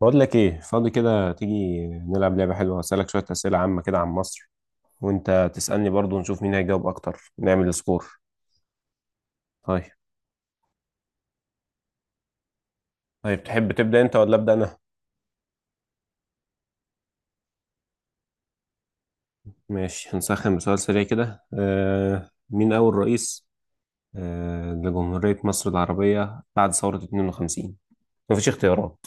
بقول لك ايه فاضي كده، تيجي نلعب لعبة حلوة. هسألك شوية أسئلة عامة كده عن مصر وانت تسألني برضو، نشوف مين هيجاوب اكتر، نعمل سكور. طيب، طيب تحب تبدأ انت ولا أبدأ انا؟ ماشي، هنسخن بسؤال سريع كده. مين اول رئيس لجمهورية مصر العربية بعد ثورة 52؟ مفيش اختيارات.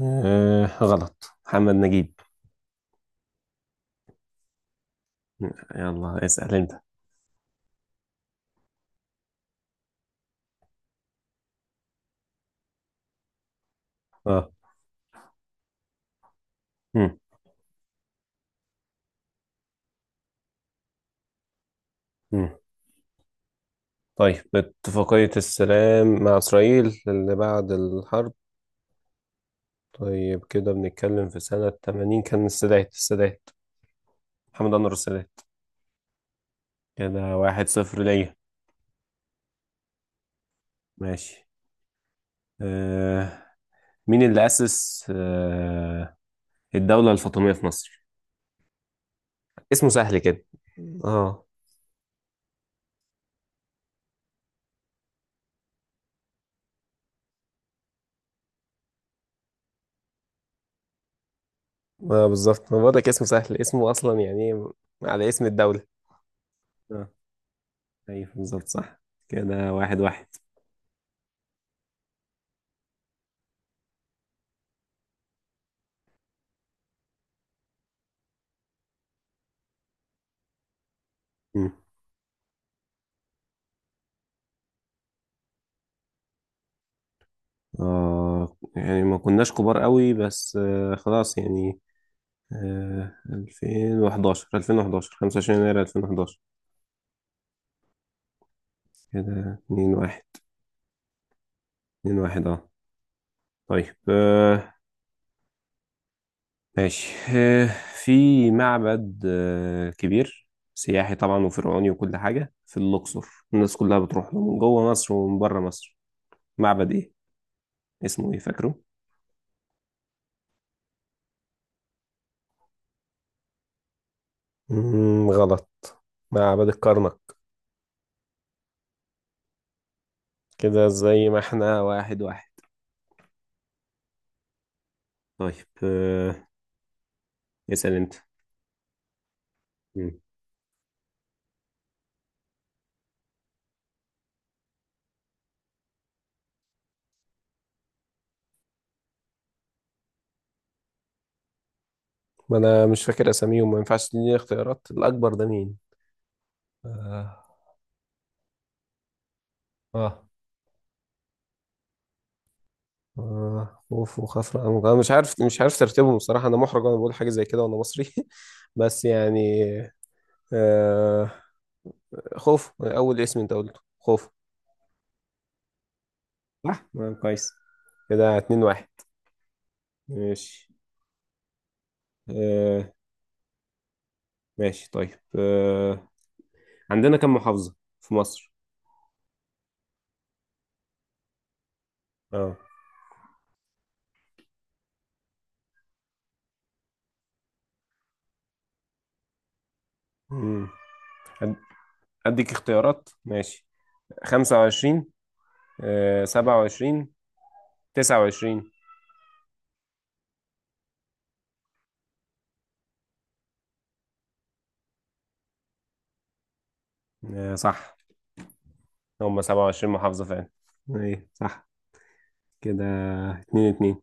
آه غلط، محمد نجيب. يلا اسأل انت. اه. مم. مم. طيب، اتفاقية السلام مع إسرائيل اللي بعد الحرب. طيب كده بنتكلم في سنة 80. كان السادات، محمد أنور السادات. كده واحد صفر ليا. ماشي آه، مين اللي أسس الدولة الفاطمية في مصر؟ اسمه سهل كده. اه. آه، بالظبط، ما بقول لك اسمه سهل، اسمه أصلا يعني إيه، على اسم الدولة. اه أيوه بالظبط صح. كده واحد واحد. مم. اه يعني ما كناش كبار قوي بس آه خلاص يعني. آه 2011 25 يناير 2011. كده اتنين واحد، اتنين واحد اه. طيب آه، ماشي آه، في معبد آه كبير سياحي طبعا وفرعوني وكل حاجة في الأقصر، الناس كلها بتروح له من جوه مصر ومن بره مصر. معبد ايه؟ اسمه ايه فاكره؟ مم، غلط، معبد الكرنك. كده زي ما احنا، واحد واحد. طيب آه، اسأل انت. مم. ما انا مش فاكر اساميهم، ما ينفعش تديني اختيارات الاكبر ده مين؟ اه. آه. آه، خوف وخفرة أمج، أنا مش عارف مش عارف ترتيبهم بصراحة، أنا محرج وأنا بقول حاجة زي كده وأنا مصري. بس يعني آه، خوف أول اسم أنت قلته، خوف. صح آه، كويس. كده اتنين واحد. ماشي آه، ماشي طيب آه، عندنا كم محافظة في مصر؟ اه. مم. أد- أديك اختيارات، ماشي. خمسة وعشرين، آه سبعة وعشرين، تسعة وعشرين. آه صح، هم سبعة وعشرين محافظة فعلا. ايه صح. كده اتنين اتنين.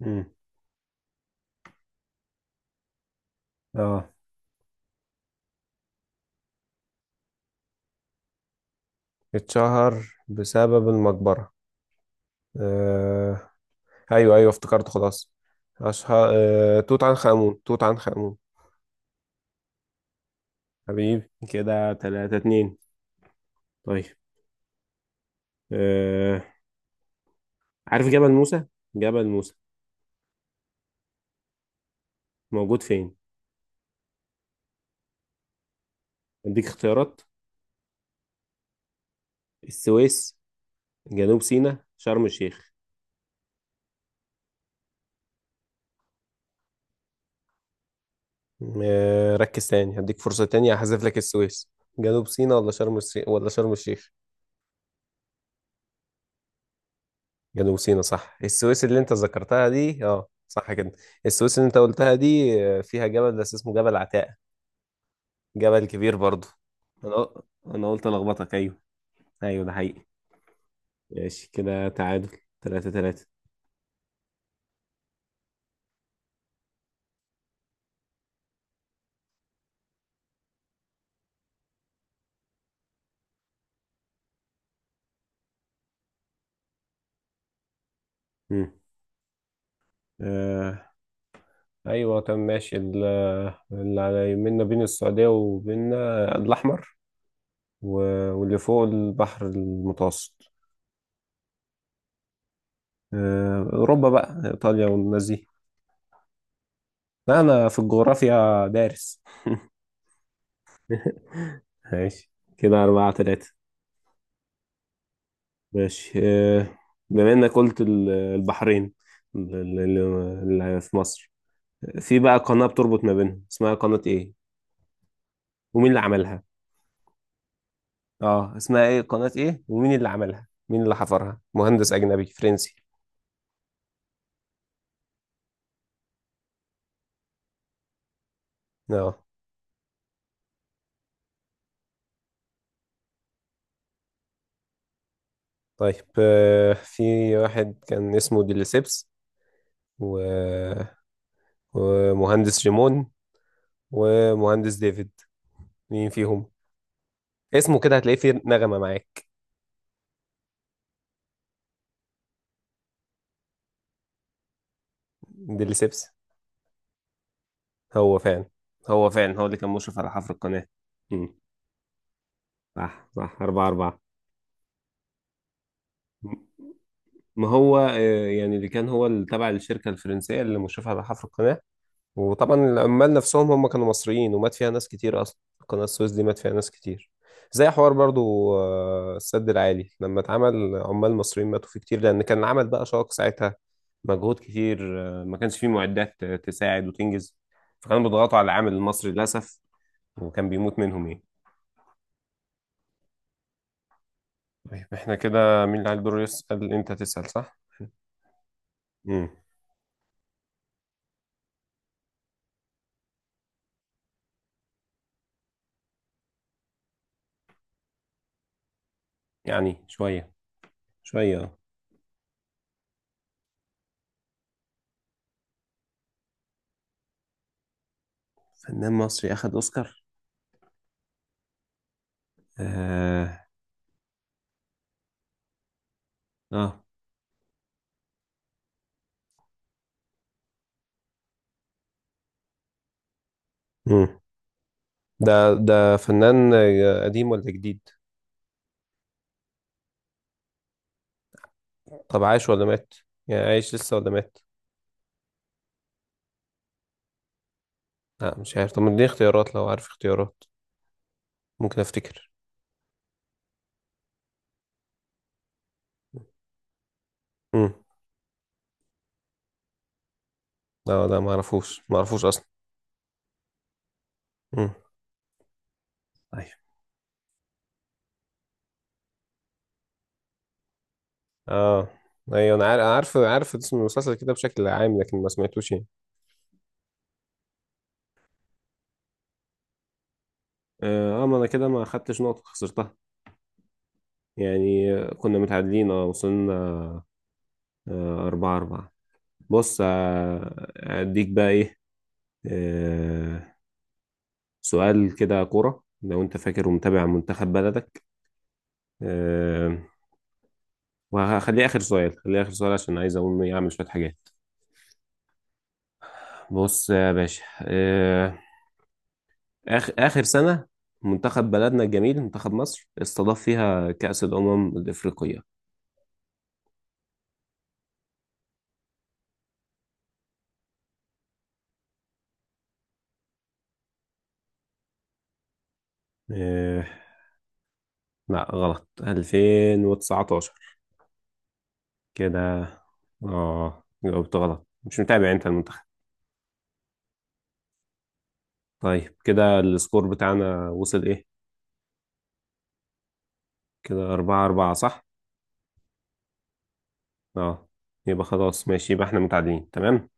مم. اه اتشهر بسبب المقبرة. آه. ايوه ايوه افتكرت، خلاص. اشهر آه، توت عنخ آمون. حبيبي كده تلاتة اتنين. طيب آه، عارف جبل موسى، جبل موسى موجود فين؟ اديك اختيارات: السويس، جنوب سيناء، شرم الشيخ. آه، ركز تاني، هديك فرصة تانية، هحذف لك السويس. جنوب سيناء ولا شرم الشيخ ولا شرم الشيخ؟ جنوب سيناء صح. السويس اللي انت ذكرتها دي اه صح كده. السويس اللي انت قلتها دي آه، فيها جبل بس اسمه جبل عتاق، جبل كبير برضه. انا قل- انا قلت الخبطك ايوه. ايوه ده حقيقي. ماشي كده تعادل، تلاتة تلاتة. مم. آه. ايوه تمام ماشي، اللي على يمنا بين السعودية وبيننا الاحمر، واللي فوق البحر المتوسط. آه، اوروبا بقى، ايطاليا والناس دي. لا انا في الجغرافيا دارس. ماشي كده أربعة تلاتة. ماشي آه، بما إنك قلت البحرين اللي اللي في مصر، في بقى قناة بتربط ما بينهم، اسمها قناة إيه؟ ومين اللي عملها؟ آه اسمها إيه؟ قناة إيه؟ ومين اللي عملها؟ مين اللي حفرها؟ مهندس أجنبي فرنسي. آه طيب آه، في واحد كان اسمه ديليسيبس، و... ومهندس جيمون، ومهندس ديفيد. مين فيهم؟ اسمه كده هتلاقيه فيه نغمة معاك. ديليسيبس. هو فعلا، هو اللي كان مشرف على حفر القناة. مم. صح صح، أربعة أربعة. ما هو آه، يعني اللي كان هو اللي تبع الشركة الفرنسية اللي مشرفة على حفر القناة، وطبعا العمال نفسهم هم كانوا مصريين، ومات فيها ناس كتير أصلا. قناة السويس دي مات فيها ناس كتير، زي حوار برضو آه، السد العالي لما اتعمل، عمال مصريين ماتوا فيه كتير لأن كان العمل بقى شاق ساعتها، مجهود كتير آه، ما كانش فيه معدات آه، تساعد وتنجز، فكانوا بيضغطوا على العامل المصري للأسف، وكان بيموت منهم يعني. طيب احنا كده مين اللي عليه الدور يسأل؟ انت تسأل صح؟ امم. يعني شوية، شوية اه. فنان مصري أخد أوسكار؟ اه. اه. امم. ده ده فنان آه، قديم ولا جديد؟ طب عايش ولا مات؟ يعني عايش لسه ولا مات؟ لا مش عارف، طب اديني اختيارات لو عارف اختيارات، ممكن افتكر. امم. لا لا ما اعرفوش، ما اعرفوش اصلا. امم. طيب اه. ايوه انا عارف، عارف عارف اسم المسلسل كده بشكل عام، لكن ما سمعتوش يعني. اه آه، ما انا كده ما خدتش نقطة، خسرتها يعني، كنا متعادلين اه، وصلنا آه، أربعة أربعة. بص آه، أديك بقى إيه، آه، سؤال كده كورة لو أنت فاكر ومتابع منتخب بلدك، آه، وهخليه آخر سؤال، خليه آخر سؤال عشان عايز أقوم إيه أعمل شوية حاجات. بص يا باشا آه، آخر آخر سنة منتخب بلدنا الجميل منتخب مصر استضاف فيها كأس الأمم الإفريقية؟ آه، لا غلط، 2019. كده اه جاوبت غلط، مش متابع انت المنتخب. طيب كده السكور بتاعنا وصل ايه؟ كده أربعة أربعة صح. اه يبقى خلاص ماشي، يبقى احنا متعادلين تمام.